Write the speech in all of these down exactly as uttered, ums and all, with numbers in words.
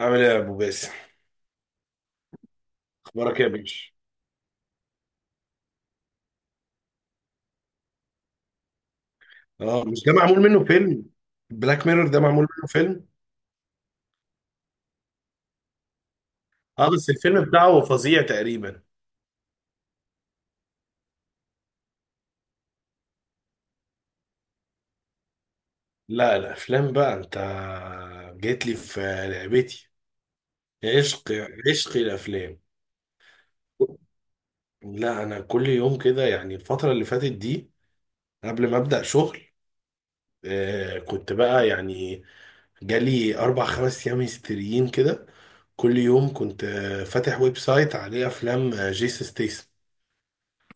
عامل ايه يا ابو باسم. اخبارك إيه يا باشا؟ اه، مش ده معمول منه فيلم؟ بلاك ميرور ده معمول منه فيلم. اه، بس الفيلم بتاعه فظيع تقريبا. لا الافلام بقى، انت جيت لي في لعبتي، عشق، عشق الافلام. لا انا كل يوم كده يعني الفتره اللي فاتت دي، قبل ما ابدا شغل، آه كنت بقى يعني جالي اربع خمس ايام هستيريين كده. كل يوم كنت آه، فاتح ويب سايت عليه افلام، آه، جيسون ستيسن.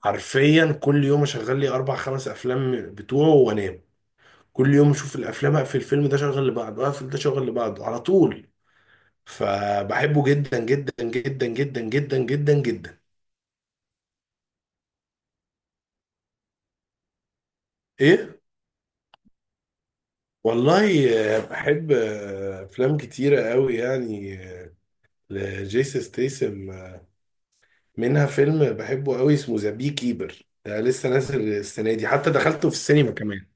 حرفيا كل يوم اشغل لي اربع خمس افلام بتوعه وانام، كل يوم اشوف الافلام، اقفل الفيلم ده شغل لبعضه، اقفل ده شغل لبعضه على طول. فبحبه جدا جدا جدا جدا جدا جدا جدا. ايه؟ والله آه، بحب آه، افلام كتيره قوي يعني، آه، لجيسون ستيسم، آه، منها فيلم بحبه قوي اسمه ذا بي كيبر. ده لسه نازل السنه دي، حتى دخلته في السينما كمان.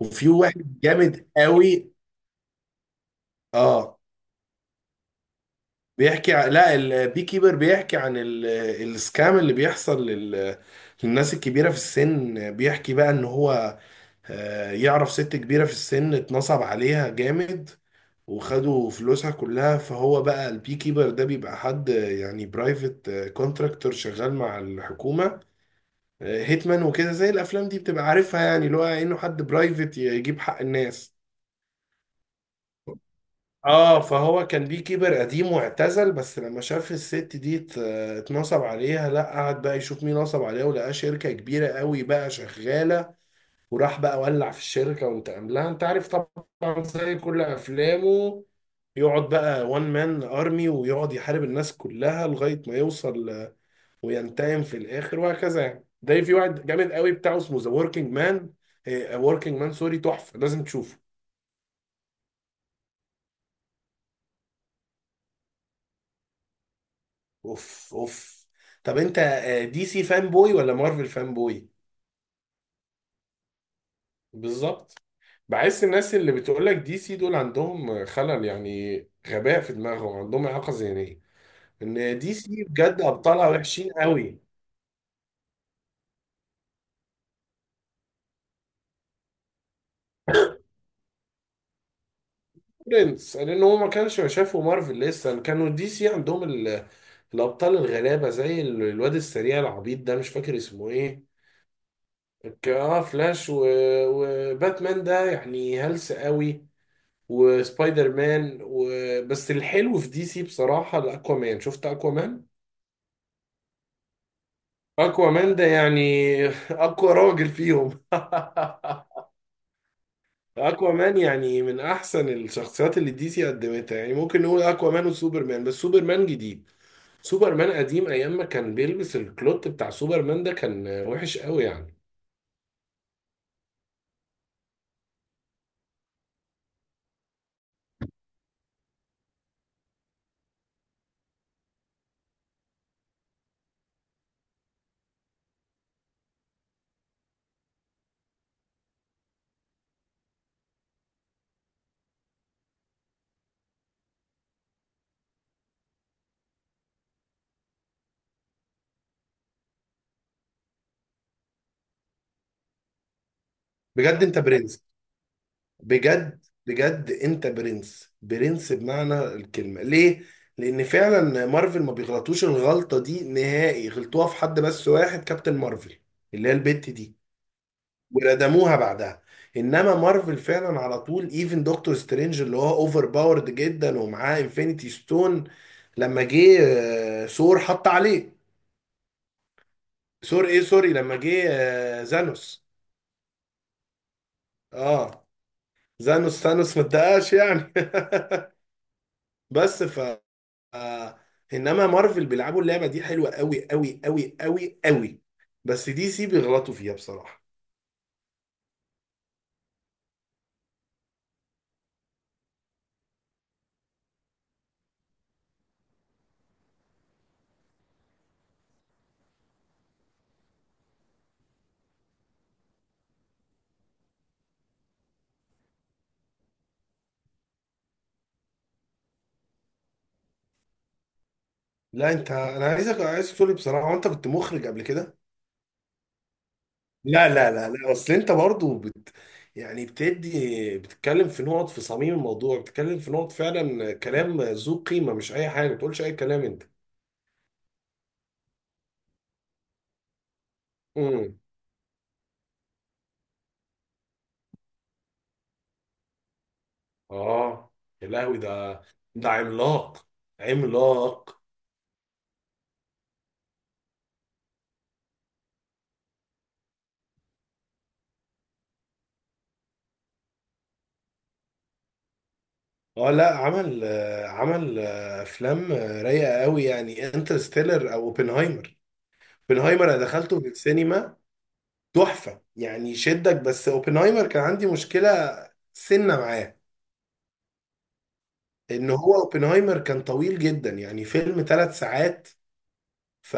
وفي واحد جامد قوي. اه، بيحكي ع- لا البي كيبر بيحكي عن ال- السكام اللي بيحصل لل- للناس الكبيرة في السن. بيحكي بقى ان هو آه، يعرف ست كبيرة في السن اتنصب عليها جامد، وخدوا فلوسها كلها. فهو بقى البي كيبر ده بيبقى حد، آه، يعني برايفت كونتراكتور شغال مع الحكومة، هيتمان وكده، زي الافلام دي بتبقى عارفها، يعني اللي هو انه حد برايفت يجيب حق الناس. اه، فهو كان بيه كيبر قديم واعتزل، بس لما شاف الست دي ات- اتنصب عليها، لا قعد بقى يشوف مين نصب عليها، ولقاه شركة كبيرة قوي بقى شغالة. وراح بقى ولع في الشركة وانتقم لها. انت عارف طبعا زي كل افلامه، يقعد بقى وان مان ارمي، ويقعد يحارب الناس كلها لغاية ما يوصل آه، وينتقم في الاخر وهكذا يعني. ده في واحد جامد قوي بتاعه اسمه ذا وركينج مان. وركينج مان، سوري، تحفة، لازم تشوفه. اوف اوف. طب انت آه، دي سي فان بوي ولا مارفل فان بوي؟ بالظبط. بحس الناس اللي بتقولك دي سي دول عندهم خلل يعني، غباء في دماغهم، عندهم إعاقة ذهنية. إن دي سي بجد أبطالها وحشين قوي. برنس، لأن هو ما كانش شافوا مارفل، لسه كانوا دي سي عندهم ال... الأبطال الغلابة زي ال- الواد السريع العبيط ده، مش فاكر اسمه إيه. ك- اه فلاش، و... وباتمان ده يعني هلس قوي، وسبايدر مان، و... بس الحلو في دي سي بصراحة الأكوا مان. شفت أكوا مان؟ أكوا مان ده يعني أقوى راجل فيهم أكوا مان يعني من أحسن الشخصيات اللي دي سي قدمتها، يعني ممكن نقول أكوا مان وسوبر مان. بس سوبر مان جديد، سوبر مان قديم أيام ما كان بيلبس الكلوت بتاع سوبر مان ده كان وحش قوي يعني. بجد أنت برنس، بجد بجد انت برنس، برنس بمعنى الكلمة. ليه؟ لان فعلا مارفل ما بيغلطوش الغلطة دي نهائي، غلطوها في حد بس واحد، كابتن مارفل، اللي هي البت دي، وردموها بعدها. انما مارفل فعلا على طول، ايفن دكتور سترينج اللي هو اوفر باورد جدا ومعاه انفينيتي ستون، لما جه آه، ثور حط عليه. ثور، ايه سوري، لما جه آه، زانوس. اه، زانوس ثانوس ما اتدقاش يعني. بس ف آه، انما مارفل بيلعبوا اللعبه دي حلوه قوي قوي قوي قوي قوي. بس دي سي بيغلطوا فيها بصراحه. لا انت، انا عايزك عايز تقول لي بصراحه، انت كنت مخرج قبل كده؟ لا لا لا لا، اصل انت برضو بت... يعني بتدي، بتتكلم في نقط في صميم الموضوع، بتتكلم في نقط فعلا كلام ذو قيمه، مش اي حاجه ما تقولش اي كلام انت. امم. اه، يا لهوي ده، ده عملاق، عملاق. اه لا، عمل آه، عمل آه، افلام آه، رايقه قوي يعني، انترستيلر او اوبنهايمر. اوبنهايمر انا دخلته في السينما، تحفه يعني، يشدك. بس اوبنهايمر كان عندي مشكله سنه معاه، ان هو اوبنهايمر كان طويل جدا يعني، فيلم ثلاث ساعات. ف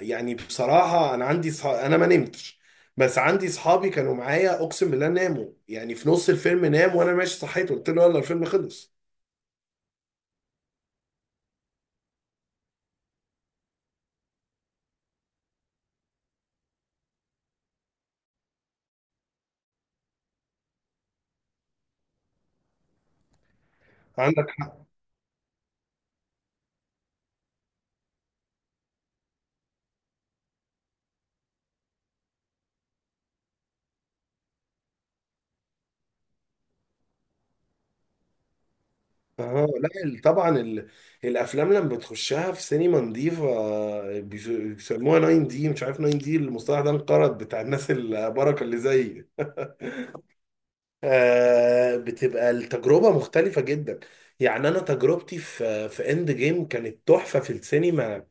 يعني بصراحه انا عندي صح... انا ما نمتش، بس عندي صحابي كانوا معايا اقسم بالله ناموا يعني، في نص الفيلم نام، وانا ماشي صحيت قلت له يلا الفيلم خلص. عندك. اه لا ال- طبعا ال... الافلام لما بتخشها في سينما نظيفه بيس- بيسموها ناين دي، مش عارف ناين دي المصطلح ده انقرض، بتاع الناس البركه اللي زي آه بتبقى التجربه مختلفه جدا. يعني انا تجربتي في في اند جيم كانت تحفه في السينما،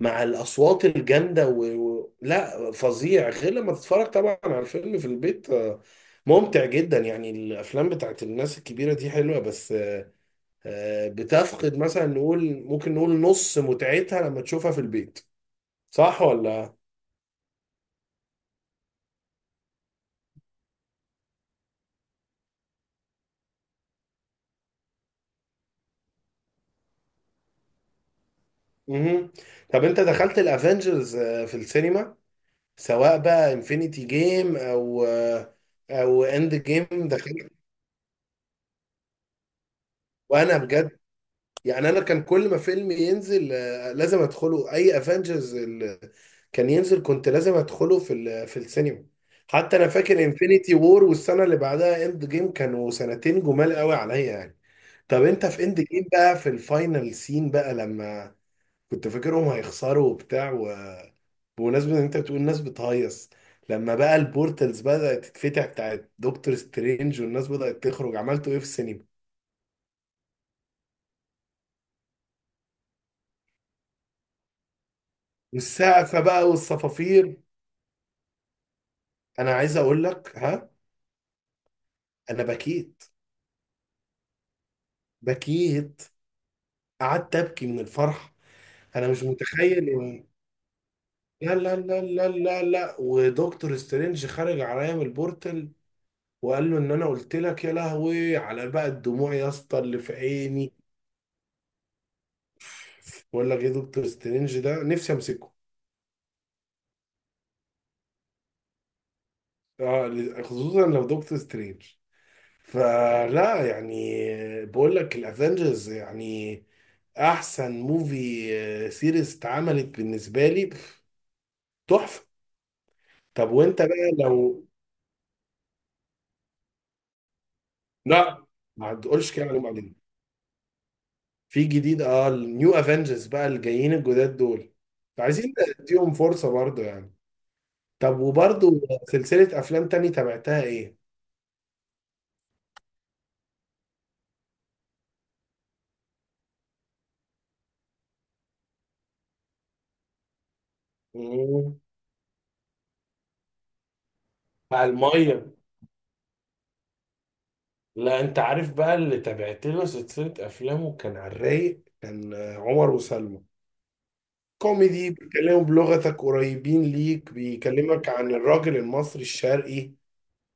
مع الاصوات الجامده و... و... لا فظيع، غير لما تتفرج طبعا على الفيلم في البيت، آه، ممتع جدا يعني، الافلام بتاعت الناس الكبيره دي حلوه، بس آه، بتفقد مثلا، نقول ممكن نقول نص متعتها لما تشوفها في البيت. صح ولا؟ امم. طب انت دخلت الافنجرز في السينما؟ سواء بقى انفينيتي جيم او آه، او اند جيم، دخلت؟ وانا بجد يعني، انا كان كل ما فيلم ينزل آه، لازم ادخله، اي افنجرز كان ينزل كنت لازم ادخله في ال- في السينما. حتى انا فاكر انفينيتي وور والسنه اللي بعدها اند جيم كانوا سنتين جمال قوي عليا يعني. طب انت في اند جيم بقى في الفاينل سين بقى لما كنت فاكرهم هيخسروا وبتاع و- بمناسبة ان انت بتقول الناس بتهيص، لما بقى البورتلز بدأت تتفتح بتاعت دكتور سترينج والناس بدأت تخرج، عملتوا ايه في السينما؟ والسقفة بقى والصفافير. انا عايز اقول لك، ها، انا بكيت، بكيت، قعدت ابكي من الفرح. انا مش متخيل إن- لا لا لا لا لا لا، ودكتور سترينج خارج عليا من البورتل، وقال له ان انا قلت لك، يا لهوي على بقى الدموع يا اسطى اللي في عيني. ولا غير دكتور سترينج، ده نفسي امسكه. اه خصوصا لو دكتور سترينج. فلا يعني، بقول لك الافنجرز يعني احسن موفي آه، سيريز اتعملت بالنسبه لي بف- تحفه. طب وانت بقى لو. لا ما تقولش كده عليهم، بعدين في جديد، اه النيو افنجرز بقى الجايين الجداد دول، عايزين نديهم فرصه برضه يعني. طب وبرضه سلسلة أفلام تاني تابعتها إيه؟ مم. بتاع المية. لا أنت عارف بقى اللي تابعت له سلسلة أفلامه كان على الرايق، كان آه، عمر وسلمى. كوميدي، بيتكلموا بلغتك، قريبين ليك، بيكلمك عن الراجل المصري الشرقي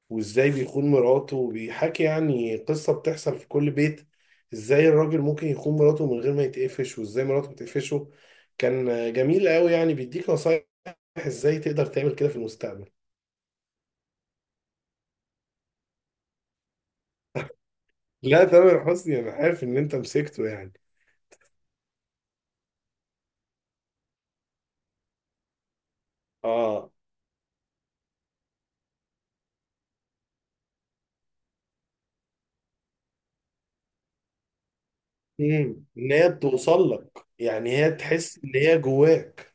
وإزاي بيخون مراته، وبيحكي يعني قصة بتحصل في كل بيت، إزاي الراجل ممكن يخون مراته من غير ما يتقفش، وإزاي مراته بتقفشه. كان آه، جميل قوي يعني، بيديك نصايح إزاي تقدر تعمل كده في المستقبل. لا تامر حسني انا عارف ان انت مسكته يعني. اه. امم، ان هي بتوصل لك يعني، هي تحس ان هي جواك.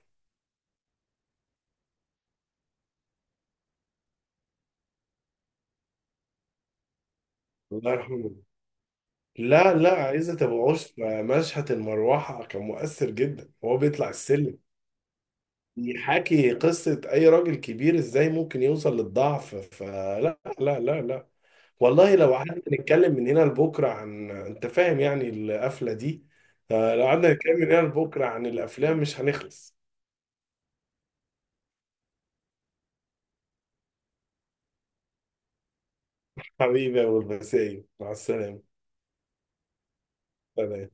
الله يرحمه. لا لا، عايزه تبقى عرف، مشهد المروحه كان مؤثر جدا، وهو بيطلع السلم يحكي قصه اي راجل كبير ازاي ممكن يوصل للضعف، فلا لا لا لا. والله لو قعدنا نتكلم من هنا لبكره عن، انت فاهم يعني القفله دي، آه، لو قعدنا نتكلم من هنا لبكره عن الافلام مش هنخلص. حبيبي يا ابو المسائي، مع السلامه. سلام.